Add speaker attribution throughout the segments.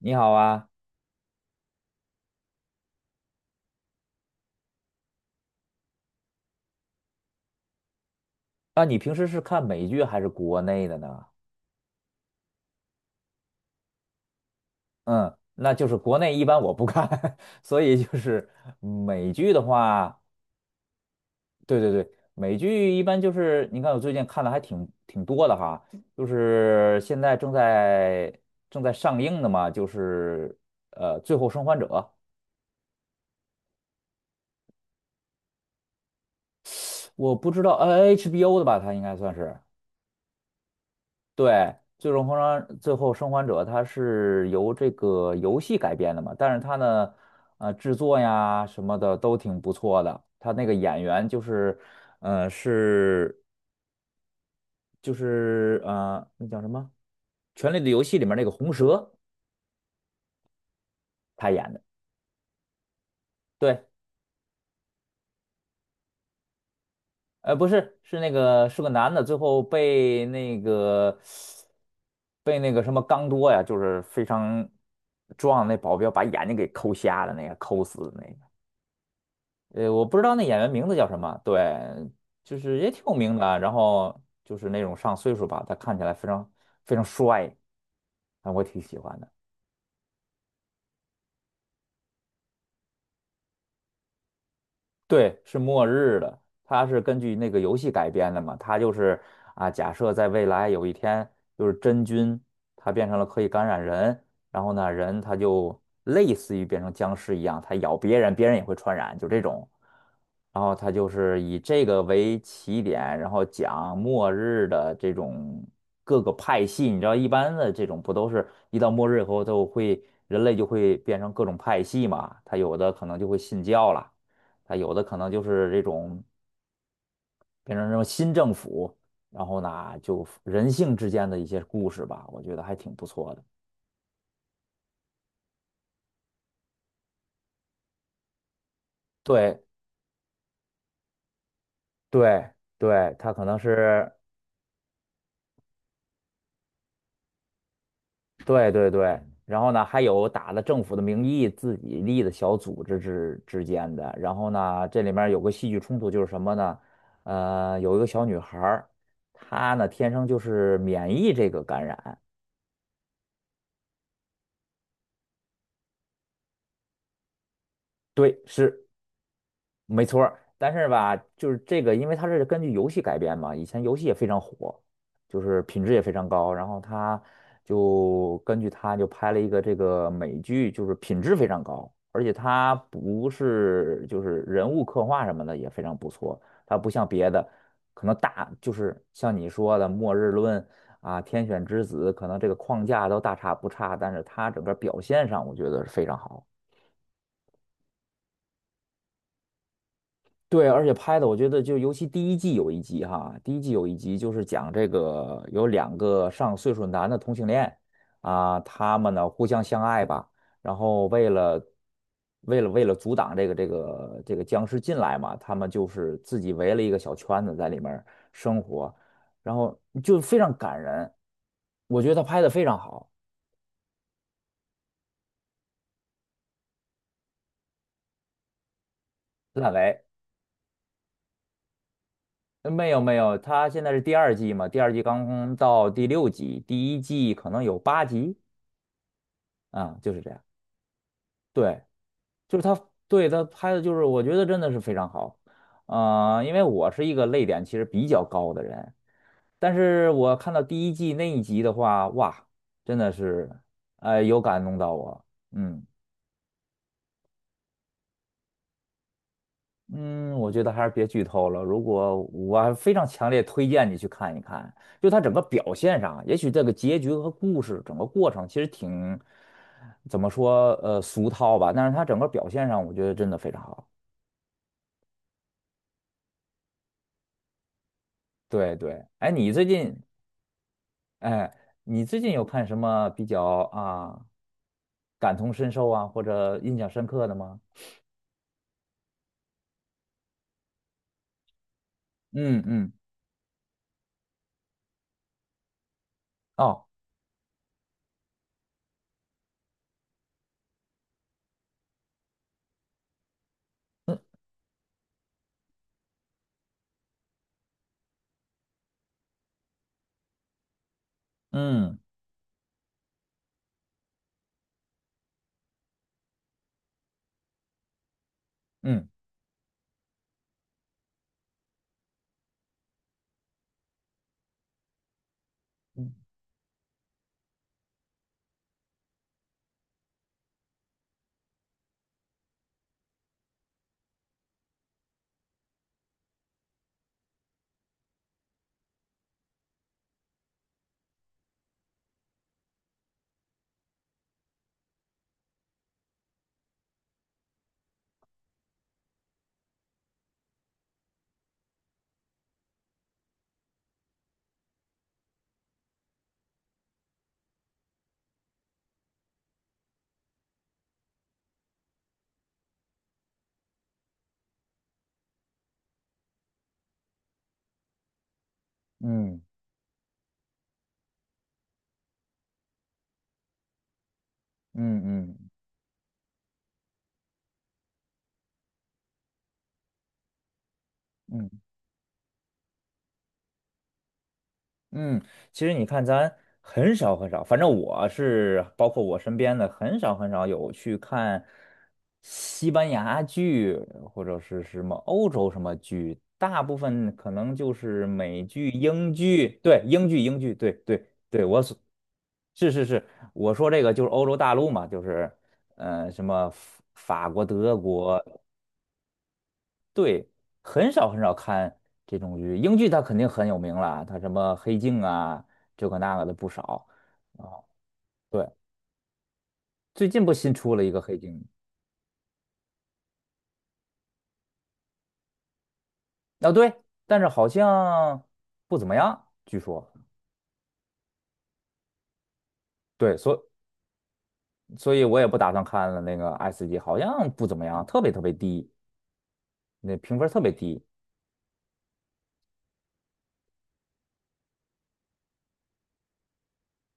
Speaker 1: 你好啊。啊，你平时是看美剧还是国内的呢？嗯，那就是国内一般我不看，所以就是美剧的话，对对对。美剧一般就是你看我最近看的还挺多的哈，就是现在正在上映的嘛，就是《最后生还者》。我不知道，HBO 的吧，它应该算是。对，最终封装最后生还者，它是由这个游戏改编的嘛，但是它呢，制作呀什么的都挺不错的。它那个演员就是，呃，是那叫什么，《权力的游戏》里面那个红蛇他演的。对，不是，是那个是个男的，最后被那个什么刚多呀，就是非常壮的那保镖把眼睛给抠瞎了，那个抠死的那个。我不知道那演员名字叫什么。对，就是也挺有名的啊，然后就是那种上岁数吧，他看起来非常帅，啊，我挺喜欢的。对，是末日的，它是根据那个游戏改编的嘛，它就是啊，假设在未来有一天，就是真菌它变成了可以感染人，然后呢，人他就类似于变成僵尸一样，他咬别人，别人也会传染，就这种。然后他就是以这个为起点，然后讲末日的这种各个派系。你知道，一般的这种不都是一到末日以后都会，人类就会变成各种派系嘛？他有的可能就会信教了。它有的可能就是这种变成什么新政府，然后呢，就人性之间的一些故事吧，我觉得还挺不错的。对对对，它可能是，对对对，然后呢，还有打了政府的名义自己立的小组织之间的。然后呢，这里面有个戏剧冲突就是什么呢？有一个小女孩儿，她呢天生就是免疫这个感染。对，是没错儿。但是吧，就是这个，因为它是根据游戏改编嘛，以前游戏也非常火，就是品质也非常高，然后他就根据它就拍了一个这个美剧，就是品质非常高，而且它不是就是人物刻画什么的也非常不错，它不像别的，可能大就是像你说的《末日论》啊，《天选之子》，可能这个框架都大差不差，但是它整个表现上我觉得是非常好的。对，而且拍的我觉得就尤其第一季有一集哈，第一季有一集就是讲这个有两个上岁数男的同性恋。啊，他们呢互相相爱吧，然后为了阻挡这个僵尸进来嘛，他们就是自己围了一个小圈子在里面儿生活，然后就非常感人，我觉得他拍的非常好。烂尾。没有没有，他现在是第二季嘛，第二季刚到第六集，第一季可能有八集，啊，就是这样。对，就是他，对，他拍的就是，我觉得真的是非常好。啊、因为我是一个泪点其实比较高的人，但是我看到第一季那一集的话，哇，真的是，有感动到我。嗯嗯，我觉得还是别剧透了。如果我还非常强烈推荐你去看一看，就他整个表现上，也许这个结局和故事整个过程其实挺，怎么说，俗套吧，但是他整个表现上，我觉得真的非常好。对对。哎，你最近，哎，你最近有看什么比较啊感同身受啊，或者印象深刻的吗？嗯嗯。哦。嗯嗯嗯嗯嗯嗯嗯嗯，其实你看，咱很少，反正我是包括我身边的，很少有去看西班牙剧或者是什么欧洲什么剧，大部分可能就是美剧、英剧。对，英剧，对对对，我所是是是，我说这个就是欧洲大陆嘛，就是什么法法国、德国。对，很少看这种剧。英剧它肯定很有名了啊，它什么《黑镜》啊，这个那个的不少啊。对，最近不新出了一个《黑镜》啊。对，但是好像不怎么样，据说。对，所以我也不打算看了那个 S 级，好像不怎么样，特别低，那评分特别低。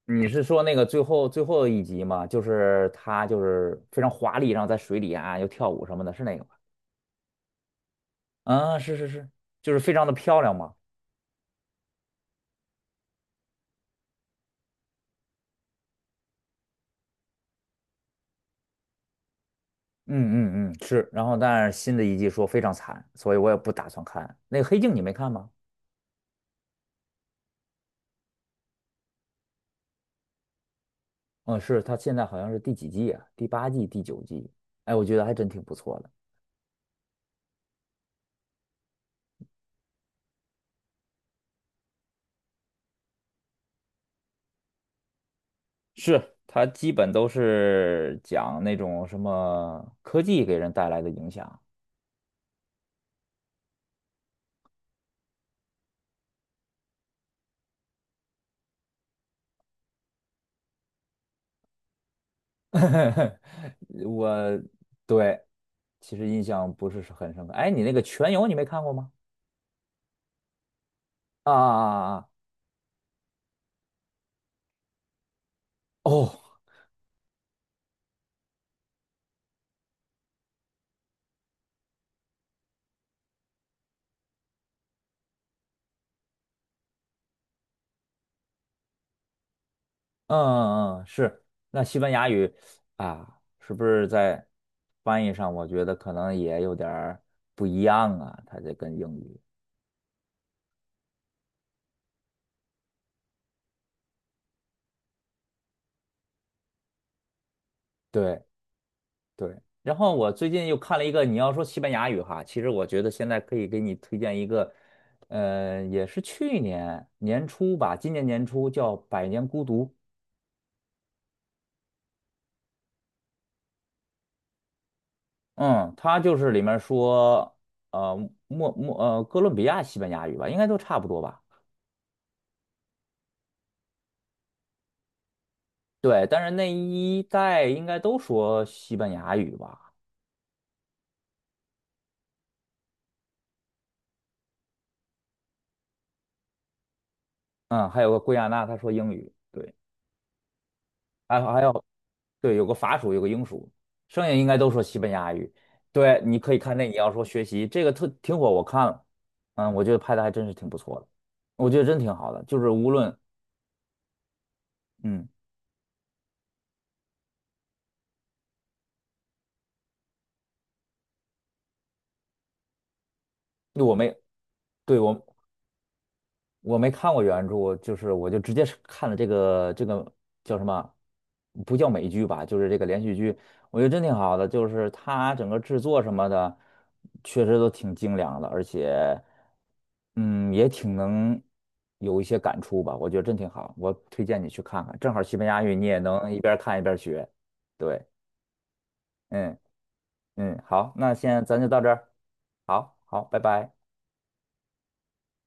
Speaker 1: 你是说那个最后一集吗？就是他就是非常华丽，然后在水里啊又跳舞什么的，是那个吗？啊，是是是，就是非常的漂亮嘛。嗯嗯嗯，是。然后，但是新的一季说非常惨，所以我也不打算看。那个《黑镜》你没看吗？嗯，是，它现在好像是第几季啊？第八季、第九季？哎，我觉得还真挺不错的。是，它基本都是讲那种什么科技给人带来的影响。我对，其实印象不是很深刻。哎，你那个《全游》你没看过吗？啊啊啊啊！啊。哦。嗯嗯嗯，是。那西班牙语啊，是不是在翻译上，我觉得可能也有点儿不一样啊？它这跟英语，对对。然后我最近又看了一个，你要说西班牙语哈，其实我觉得现在可以给你推荐一个，也是去年年初吧，今年年初叫《百年孤独》。嗯，它就是里面说，呃，莫莫呃，哥伦比亚西班牙语吧，应该都差不多吧。对，但是那一代应该都说西班牙语吧？嗯，还有个圭亚那，他说英语。对，还有还有。对，有个法属，有个英属，剩下应该都说西班牙语。对，你可以看那，你要说学习这个特挺火，我看了。嗯，我觉得拍的还真是挺不错的，我觉得真挺好的，就是无论，嗯，我没，对我。我没看过原著，就是我就直接是看了这个叫什么，不叫美剧吧，就是这个连续剧，我觉得真挺好的，就是它整个制作什么的，确实都挺精良的，而且，嗯，也挺能有一些感触吧，我觉得真挺好，我推荐你去看看，正好西班牙语你也能一边看一边学。对。嗯嗯，好，那现在咱就到这儿。好好，拜拜。